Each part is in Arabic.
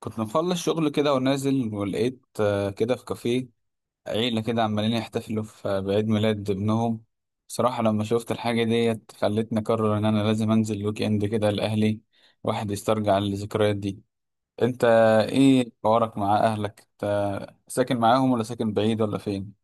كنت مخلص شغل كده ونازل، ولقيت كده في كافيه عيلة كده عمالين يحتفلوا في بعيد ميلاد ابنهم. بصراحة لما شفت الحاجة ديت خلتني أقرر إن أنا لازم أنزل ويك إند كده لأهلي، واحد يسترجع الذكريات دي. أنت، إيه حوارك مع أهلك؟ أنت ساكن معاهم ولا ساكن بعيد ولا فين؟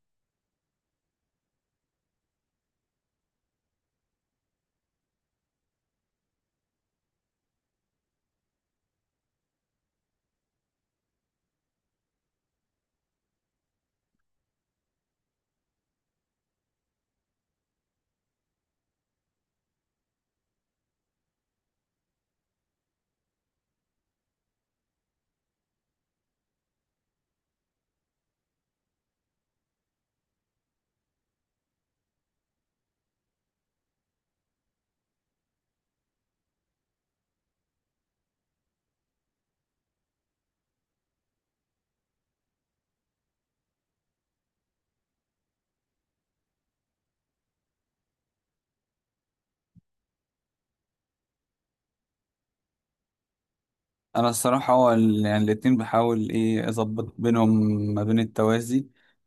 أنا الصراحة هو يعني الاتنين بحاول إيه أظبط بينهم ما بين التوازي.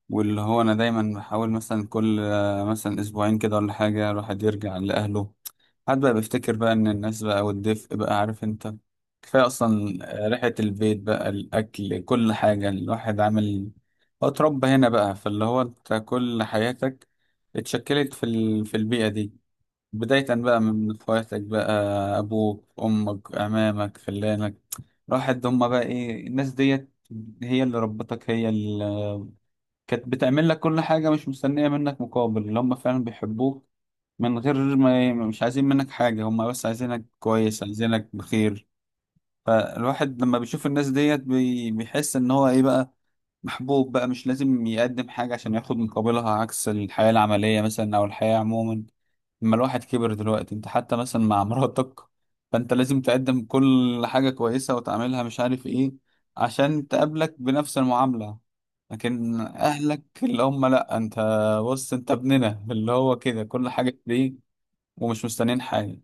واللي هو أنا دايما بحاول مثلا كل مثلا أسبوعين كده ولا حاجة الواحد يرجع لأهله، حد بقى بيفتكر بقى ان الناس بقى والدفء بقى، عارف انت، كفاية اصلا. ريحة البيت بقى، الاكل، كل حاجة الواحد عامل، هو اتربى هنا بقى. فاللي هو انت كل حياتك اتشكلت في البيئة دي. بداية بقى من اخواتك بقى، ابوك، امك، عمامك، خلانك، راحت هما بقى ايه، الناس ديت هي اللي ربتك، هي اللي كانت بتعمل لك كل حاجة، مش مستنية منك مقابل، اللي هما فعلا بيحبوك من غير ما، مش عايزين منك حاجة، هما بس عايزينك كويس، عايزينك بخير. فالواحد لما بيشوف الناس ديت بيحس ان هو ايه بقى، محبوب بقى، مش لازم يقدم حاجة عشان ياخد مقابلها، عكس الحياة العملية مثلا او الحياة عموما. لما الواحد كبر دلوقتي انت، حتى مثلا مع مراتك، فانت لازم تقدم كل حاجة كويسة وتعملها مش عارف ايه، عشان تقابلك بنفس المعاملة. لكن اهلك اللي هم، لا، انت بص انت ابننا اللي هو كده، كل حاجة ليك، ومش مستنيين حاجة.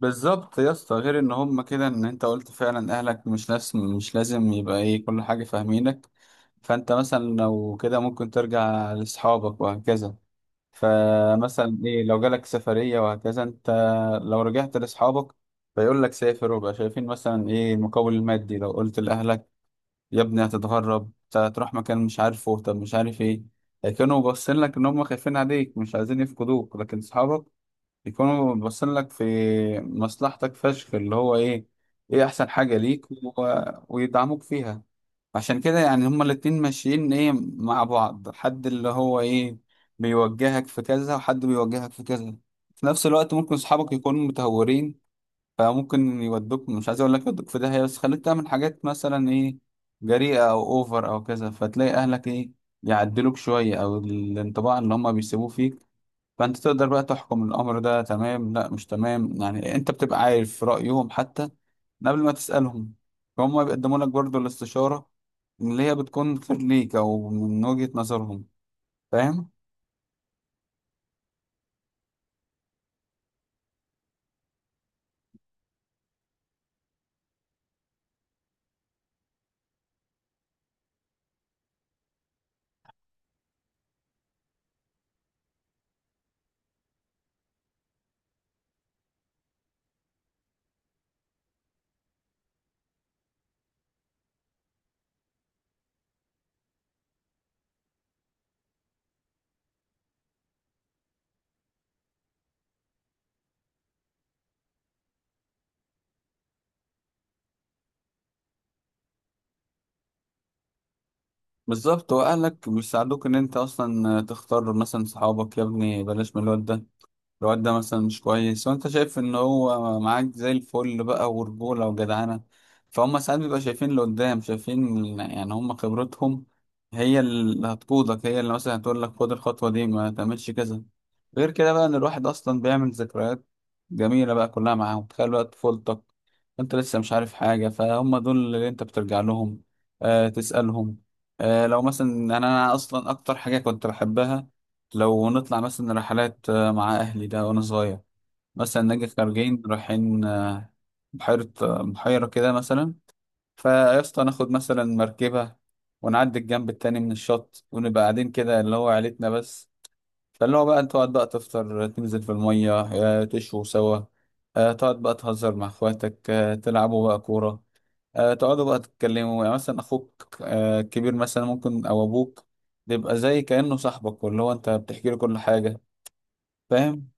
بالظبط يا اسطى، غير ان هم كده، ان انت قلت فعلا اهلك مش لازم يبقى ايه كل حاجة فاهمينك. فانت مثلا لو كده ممكن ترجع لاصحابك وهكذا. فمثلا ايه لو جالك سفرية وهكذا انت، لو رجعت لاصحابك فيقول لك سافر وبقى، شايفين مثلا ايه المقابل المادي. لو قلت لاهلك يا ابني هتتغرب أنت، هتروح مكان مش عارفه، طب مش عارف ايه، كانوا باصين لك ان هم خايفين عليك، مش عايزين يفقدوك. لكن اصحابك يكونوا باصين لك في مصلحتك فشخ، اللي هو ايه، ايه احسن حاجة ليك ويدعموك فيها. عشان كده يعني هما الاتنين ماشيين ايه مع بعض، حد اللي هو ايه بيوجهك في كذا، وحد بيوجهك في كذا. في نفس الوقت ممكن صحابك يكونوا متهورين، فممكن يودوك، مش عايز اقول لك يودوك في داهية، بس خليك تعمل حاجات مثلا ايه، جريئة او اوفر او كذا. فتلاقي اهلك ايه، يعدلوك شوية، او الانطباع اللي هما بيسيبوه فيك، فانت تقدر بقى تحكم الامر ده تمام لا مش تمام، يعني انت بتبقى عارف رايهم حتى من قبل ما تسالهم. فهم بيقدموا لك برضو الاستشاره اللي هي بتكون خير ليك، او من وجهه نظرهم. فاهم؟ بالظبط، واهلك بيساعدوك ان انت اصلا تختار مثلا صحابك. يا ابني بلاش من الواد ده، الواد ده مثلا مش كويس، وانت شايف ان هو معاك زي الفل بقى، ورجولة وجدعنة. فهم ساعات بيبقى شايفين اللي قدام، شايفين يعني هم، خبرتهم هي اللي هتقودك، هي اللي مثلا هتقول لك خد الخطوة دي، ما تعملش كذا. غير كده بقى ان الواحد اصلا بيعمل ذكريات جميلة بقى كلها معاهم. تخيل بقى طفولتك، انت لسه مش عارف حاجة، فهم دول اللي انت بترجع لهم، تسألهم. لو مثلا أنا اصلا اكتر حاجة كنت بحبها، لو نطلع مثلا رحلات مع أهلي ده وأنا صغير. مثلا نجي خارجين رايحين بحيرة كده مثلا، فيا اسطى ناخد مثلا مركبة، ونعدي الجنب التاني من الشط، ونبقى قاعدين كده اللي هو عيلتنا بس. فاللي هو بقى تقعد بقى تفطر، تنزل في المية تشوي سوا، تقعد بقى تهزر مع اخواتك، تلعبوا بقى كورة، تقعدوا بقى تتكلموا. يعني مثلا أخوك الكبير مثلا، ممكن، أو أبوك بيبقى زي كأنه صاحبك، واللي هو أنت بتحكي له كل حاجة. فاهم؟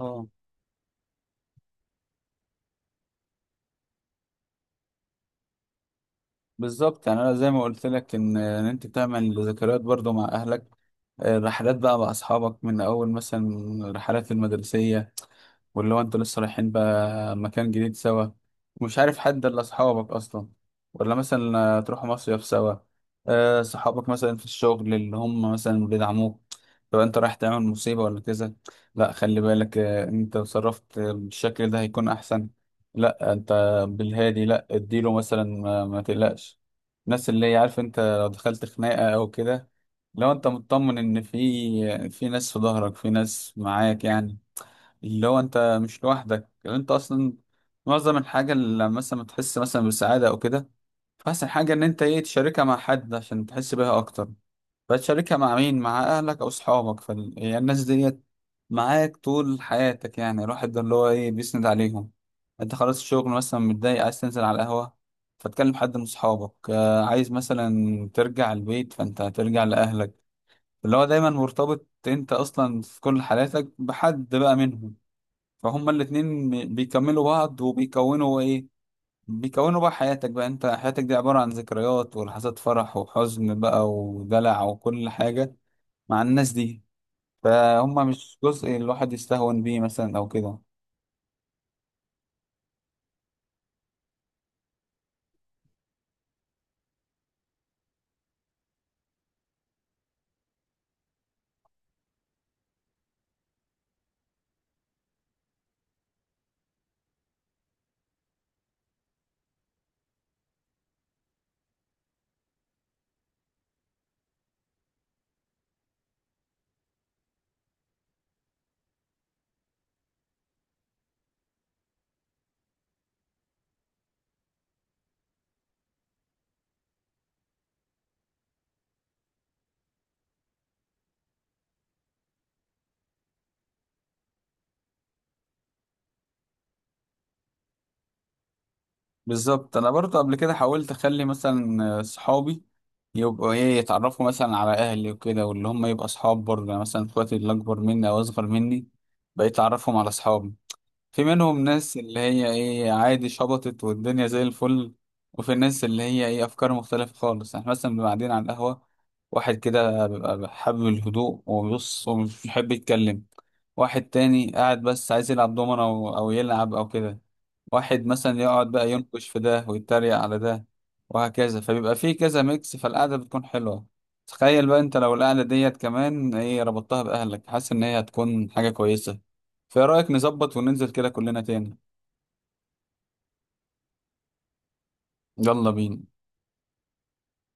اه، بالظبط يعني انا زي ما قلت لك ان انت تعمل ذكريات برضو مع اهلك، رحلات بقى مع اصحابك، من اول مثلا الرحلات المدرسيه، واللي هو انتوا لسه رايحين بقى مكان جديد سوا، ومش عارف حد الا اصحابك اصلا، ولا مثلا تروحوا مصيف سوا. صحابك مثلا في الشغل اللي هم مثلا بيدعموك، لو انت رايح تعمل مصيبة ولا كذا، لا خلي بالك انت تصرفت بالشكل ده هيكون احسن. لا انت بالهادي، لا اديله مثلا ما تقلقش الناس، اللي هي عارف انت لو دخلت خناقة او كده، لو انت مطمن ان في ناس في ظهرك، في ناس معاك يعني، اللي هو انت مش لوحدك. يعني انت اصلا معظم الحاجه اللي لما مثلا تحس مثلا بسعاده او كده، فاحسن حاجه ان انت ايه تشاركها مع حد عشان تحس بيها اكتر. فتشاركها مع مين؟ مع اهلك او صحابك، فالناس ديت معاك طول حياتك يعني، الواحد ده اللي هو ايه بيسند عليهم. انت خلاص الشغل مثلا متضايق، عايز تنزل على القهوه، فتكلم حد من صحابك، عايز مثلا ترجع البيت فانت هترجع لاهلك، اللي هو دايما مرتبط انت اصلا في كل حالاتك بحد بقى منهم. فهم الاتنين بيكملوا بعض وبيكونوا ايه، بيكونوا بقى حياتك بقى، انت حياتك دي عبارة عن ذكريات ولحظات فرح وحزن بقى ودلع وكل حاجة مع الناس دي. فهم مش جزء الواحد يستهون بيه مثلا او كده. بالظبط انا برضه قبل كده حاولت اخلي مثلا صحابي يبقوا ايه، يتعرفوا مثلا على اهلي وكده، واللي هم يبقى اصحاب برضه، يعني مثلا اخواتي اللي اكبر مني او اصغر مني، بقيت اعرفهم على اصحابي. في منهم ناس اللي هي ايه عادي، شبطت والدنيا زي الفل، وفي الناس اللي هي ايه افكار مختلفة خالص. احنا مثلا بنبقى قاعدين على القهوة، واحد كده بيبقى حابب الهدوء وبيبص ومش بيحب يتكلم، واحد تاني قاعد بس عايز يلعب دومنة او يلعب او كده، واحد مثلا يقعد بقى ينقش في ده ويتريق على ده، وهكذا. فبيبقى فيه كذا ميكس، فالقعدة بتكون حلوة. تخيل بقى انت لو القعدة ديت كمان ايه ربطتها بأهلك، حاسس ان هي هتكون حاجة كويسة. فايه رأيك نظبط وننزل كده كلنا تاني؟ يلا بينا.